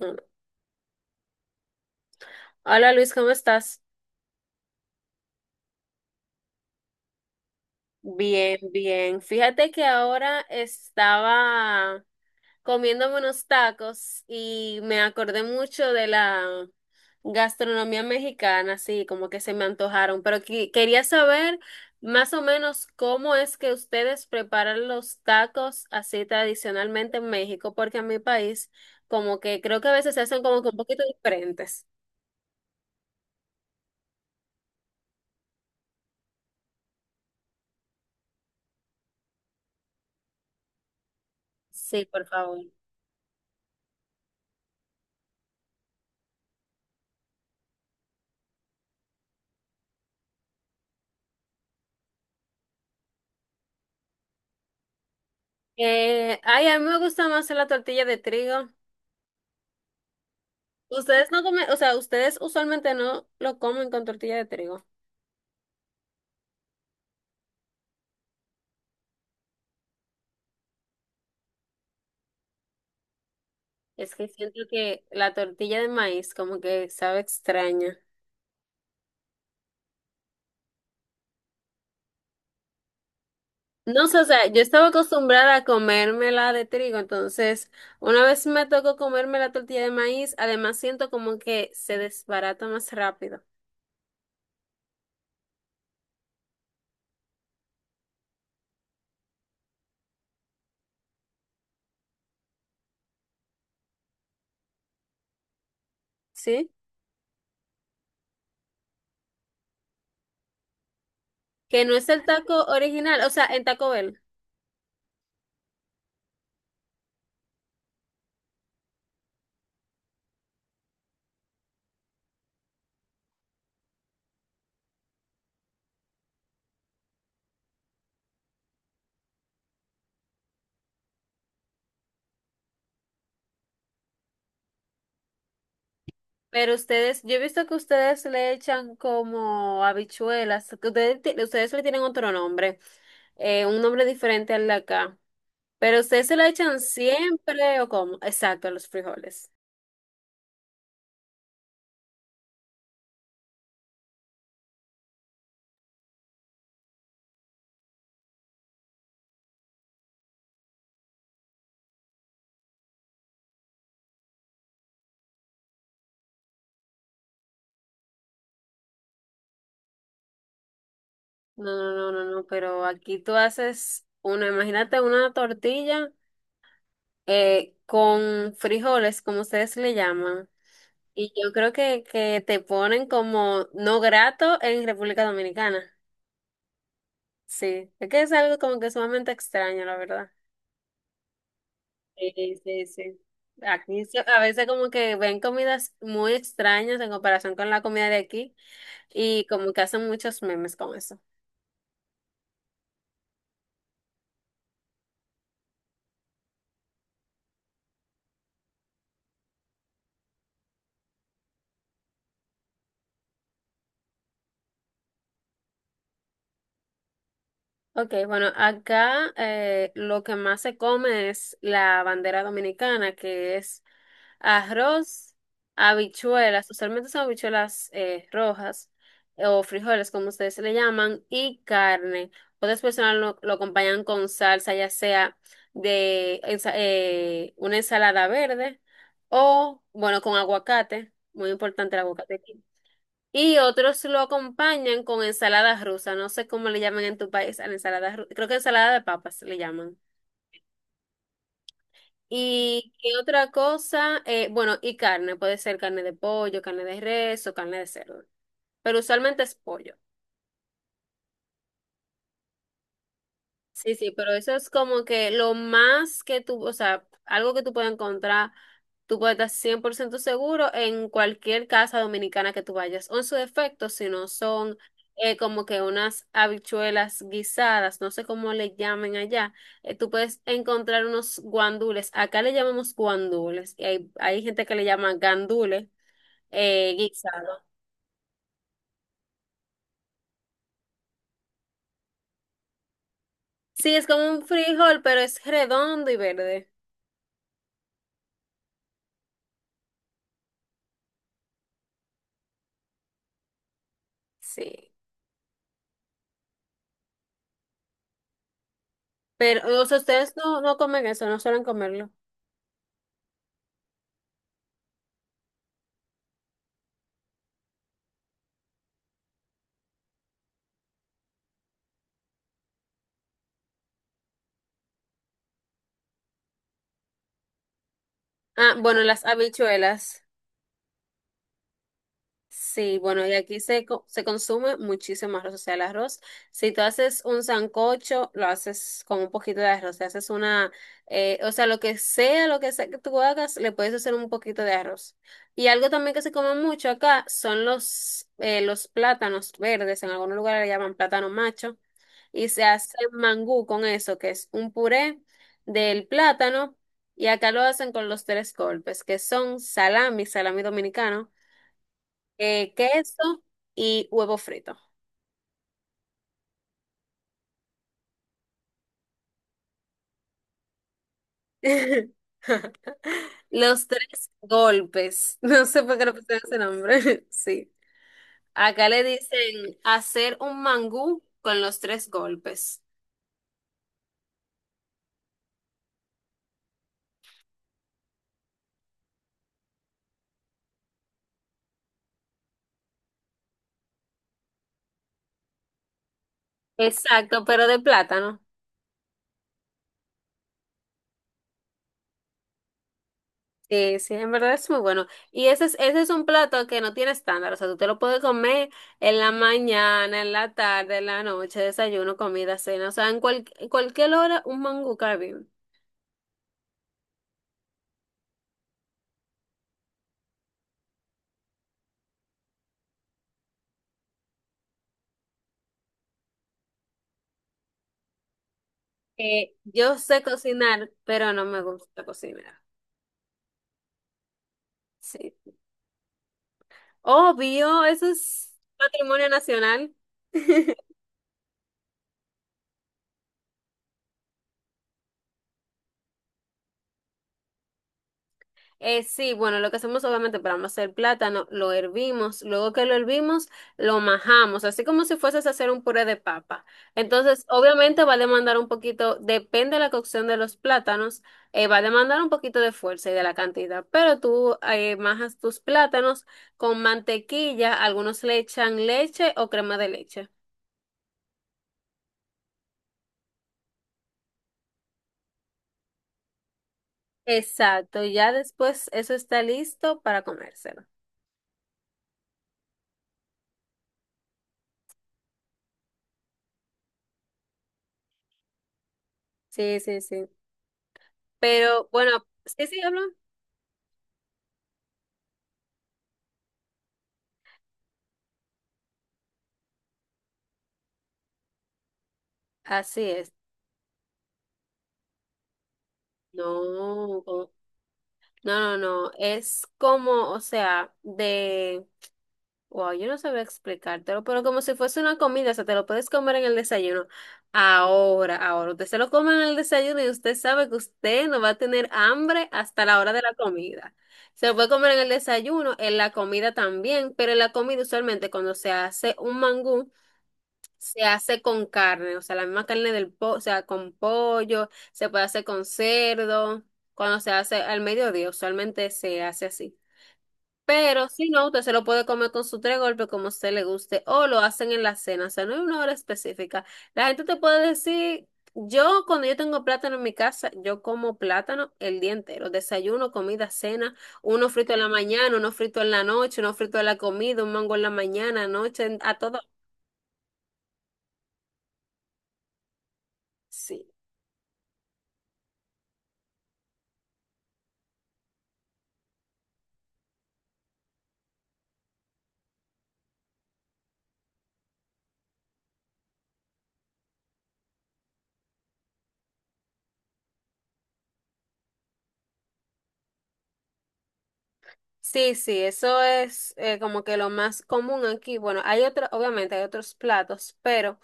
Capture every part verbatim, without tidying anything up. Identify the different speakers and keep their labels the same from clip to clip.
Speaker 1: Uno. Hola Luis, ¿cómo estás? Bien, bien. Fíjate que ahora estaba comiéndome unos tacos y me acordé mucho de la gastronomía mexicana, así como que se me antojaron, pero que- quería saber más o menos cómo es que ustedes preparan los tacos así tradicionalmente en México, porque en mi país como que creo que a veces se hacen como que un poquito diferentes. Sí, por favor. Eh, ay, a mí me gusta más la tortilla de trigo. Ustedes no comen, o sea, ustedes usualmente no lo comen con tortilla de trigo. Es que siento que la tortilla de maíz como que sabe extraña. No sé, o sea, yo estaba acostumbrada a comérmela de trigo, entonces una vez me tocó comerme la tortilla de maíz, además siento como que se desbarata más rápido, ¿sí? Que no es el taco original, o sea, en Taco Bell. Pero ustedes, yo he visto que ustedes le echan como habichuelas, que ustedes, ti- ustedes le tienen otro nombre, eh, un nombre diferente al de acá. ¿Pero ustedes se la echan siempre o cómo? Exacto, a los frijoles. No, no, no, no, no, pero aquí tú haces una, imagínate una tortilla eh, con frijoles, como ustedes le llaman. Y yo creo que, que te ponen como no grato en República Dominicana. Sí, es que es algo como que sumamente extraño, la verdad. Sí, sí, sí. Aquí se- a veces como que ven comidas muy extrañas en comparación con la comida de aquí y como que hacen muchos memes con eso. Ok, bueno, acá eh, lo que más se come es la bandera dominicana, que es arroz, habichuelas, usualmente son habichuelas eh, rojas eh, o frijoles, como ustedes le llaman, y carne. Otras personas lo, lo acompañan con salsa, ya sea de ensa- eh, una ensalada verde o, bueno, con aguacate, muy importante el aguacate aquí. Y otros lo acompañan con ensalada rusa, no sé cómo le llaman en tu país a la ensalada rusa, creo que ensalada de papas le llaman. ¿Y qué otra cosa? Eh, bueno, y carne, puede ser carne de pollo, carne de res o carne de cerdo, pero usualmente es pollo. Sí, sí, pero eso es como que lo más que tú, o sea, algo que tú puedes encontrar, tú puedes estar cien por ciento seguro en cualquier casa dominicana que tú vayas, o en su defecto, si no son eh, como que unas habichuelas guisadas, no sé cómo le llamen allá, eh, tú puedes encontrar unos guandules, acá le llamamos guandules, y hay, hay gente que le llama gandules, eh, guisado. Sí, es como un frijol, pero es redondo y verde. Sí. Pero, o sea, ustedes no, no comen eso, no suelen comerlo. Ah, bueno, las habichuelas. Sí, bueno, y aquí se, co- se consume muchísimo arroz, o sea, el arroz. Si tú haces un sancocho, lo haces con un poquito de arroz. Si haces una, eh, o sea, lo que sea, lo que sea que tú hagas, le puedes hacer un poquito de arroz. Y algo también que se come mucho acá son los, eh, los plátanos verdes. En algunos lugares le llaman plátano macho, y se hace mangú con eso, que es un puré del plátano, y acá lo hacen con los tres golpes, que son salami, salami dominicano, eh, queso y huevo frito. Los tres golpes. No sé por qué le pusieron ese nombre. Sí. Acá le dicen hacer un mangú con los tres golpes. Exacto, pero de plátano. Sí, sí, en verdad es muy bueno. Y ese es, ese es un plato que no tiene estándar, o sea, tú te lo puedes comer en la mañana, en la tarde, en la noche, desayuno, comida, cena, o sea, en, cual- en cualquier hora un mangú cae bien. Eh, yo sé cocinar, pero no me gusta cocinar. Sí. Obvio, eso es patrimonio nacional. Eh, sí, bueno, lo que hacemos obviamente para no hacer plátano, lo hervimos, luego que lo hervimos, lo majamos, así como si fueses a hacer un puré de papa. Entonces, obviamente va a demandar un poquito, depende de la cocción de los plátanos, eh, va a demandar un poquito de fuerza y de la cantidad, pero tú eh, majas tus plátanos con mantequilla, algunos le echan leche o crema de leche. Exacto, ya después eso está listo para comérselo. Sí, sí, sí. Pero bueno, sí, sí, hablo. Así es. No, como- no, no, no, es como, o sea, de, wow, yo no sabía explicártelo, pero como si fuese una comida, o sea, te lo puedes comer en el desayuno. Ahora, ahora, usted se lo come en el desayuno y usted sabe que usted no va a tener hambre hasta la hora de la comida. Se lo puede comer en el desayuno, en la comida también, pero en la comida usualmente cuando se hace un mangú. Se hace con carne, o sea, la misma carne del pollo, o sea, con pollo, se puede hacer con cerdo, cuando se hace al mediodía, usualmente se hace así. Pero si no, usted se lo puede comer con su tres golpes como a usted le guste, o lo hacen en la cena, o sea, no hay una hora específica. La gente te puede decir, yo cuando yo tengo plátano en mi casa, yo como plátano el día entero, desayuno, comida, cena, uno frito en la mañana, uno frito en la noche, uno frito en la comida, un mango en la mañana, noche, a todo. Sí. Sí, sí, eso es eh, como que lo más común aquí. Bueno, hay otro, obviamente hay otros platos, pero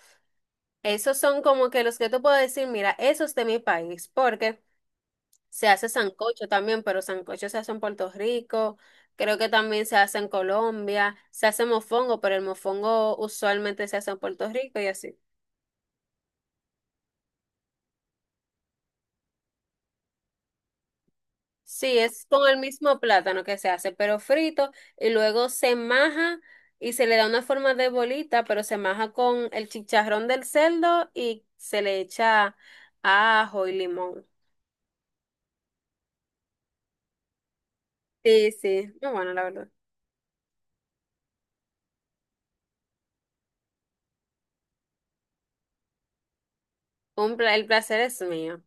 Speaker 1: esos son como que los que tú puedes decir, mira, esos de mi país, porque se hace sancocho también, pero sancocho se hace en Puerto Rico, creo que también se hace en Colombia, se hace mofongo, pero el mofongo usualmente se hace en Puerto Rico y así. Sí, es con el mismo plátano que se hace, pero frito, y luego se maja y se le da una forma de bolita, pero se maja con el chicharrón del cerdo y se le echa ajo y limón. Sí, sí, no, bueno, la verdad. Un pla- el placer es mío.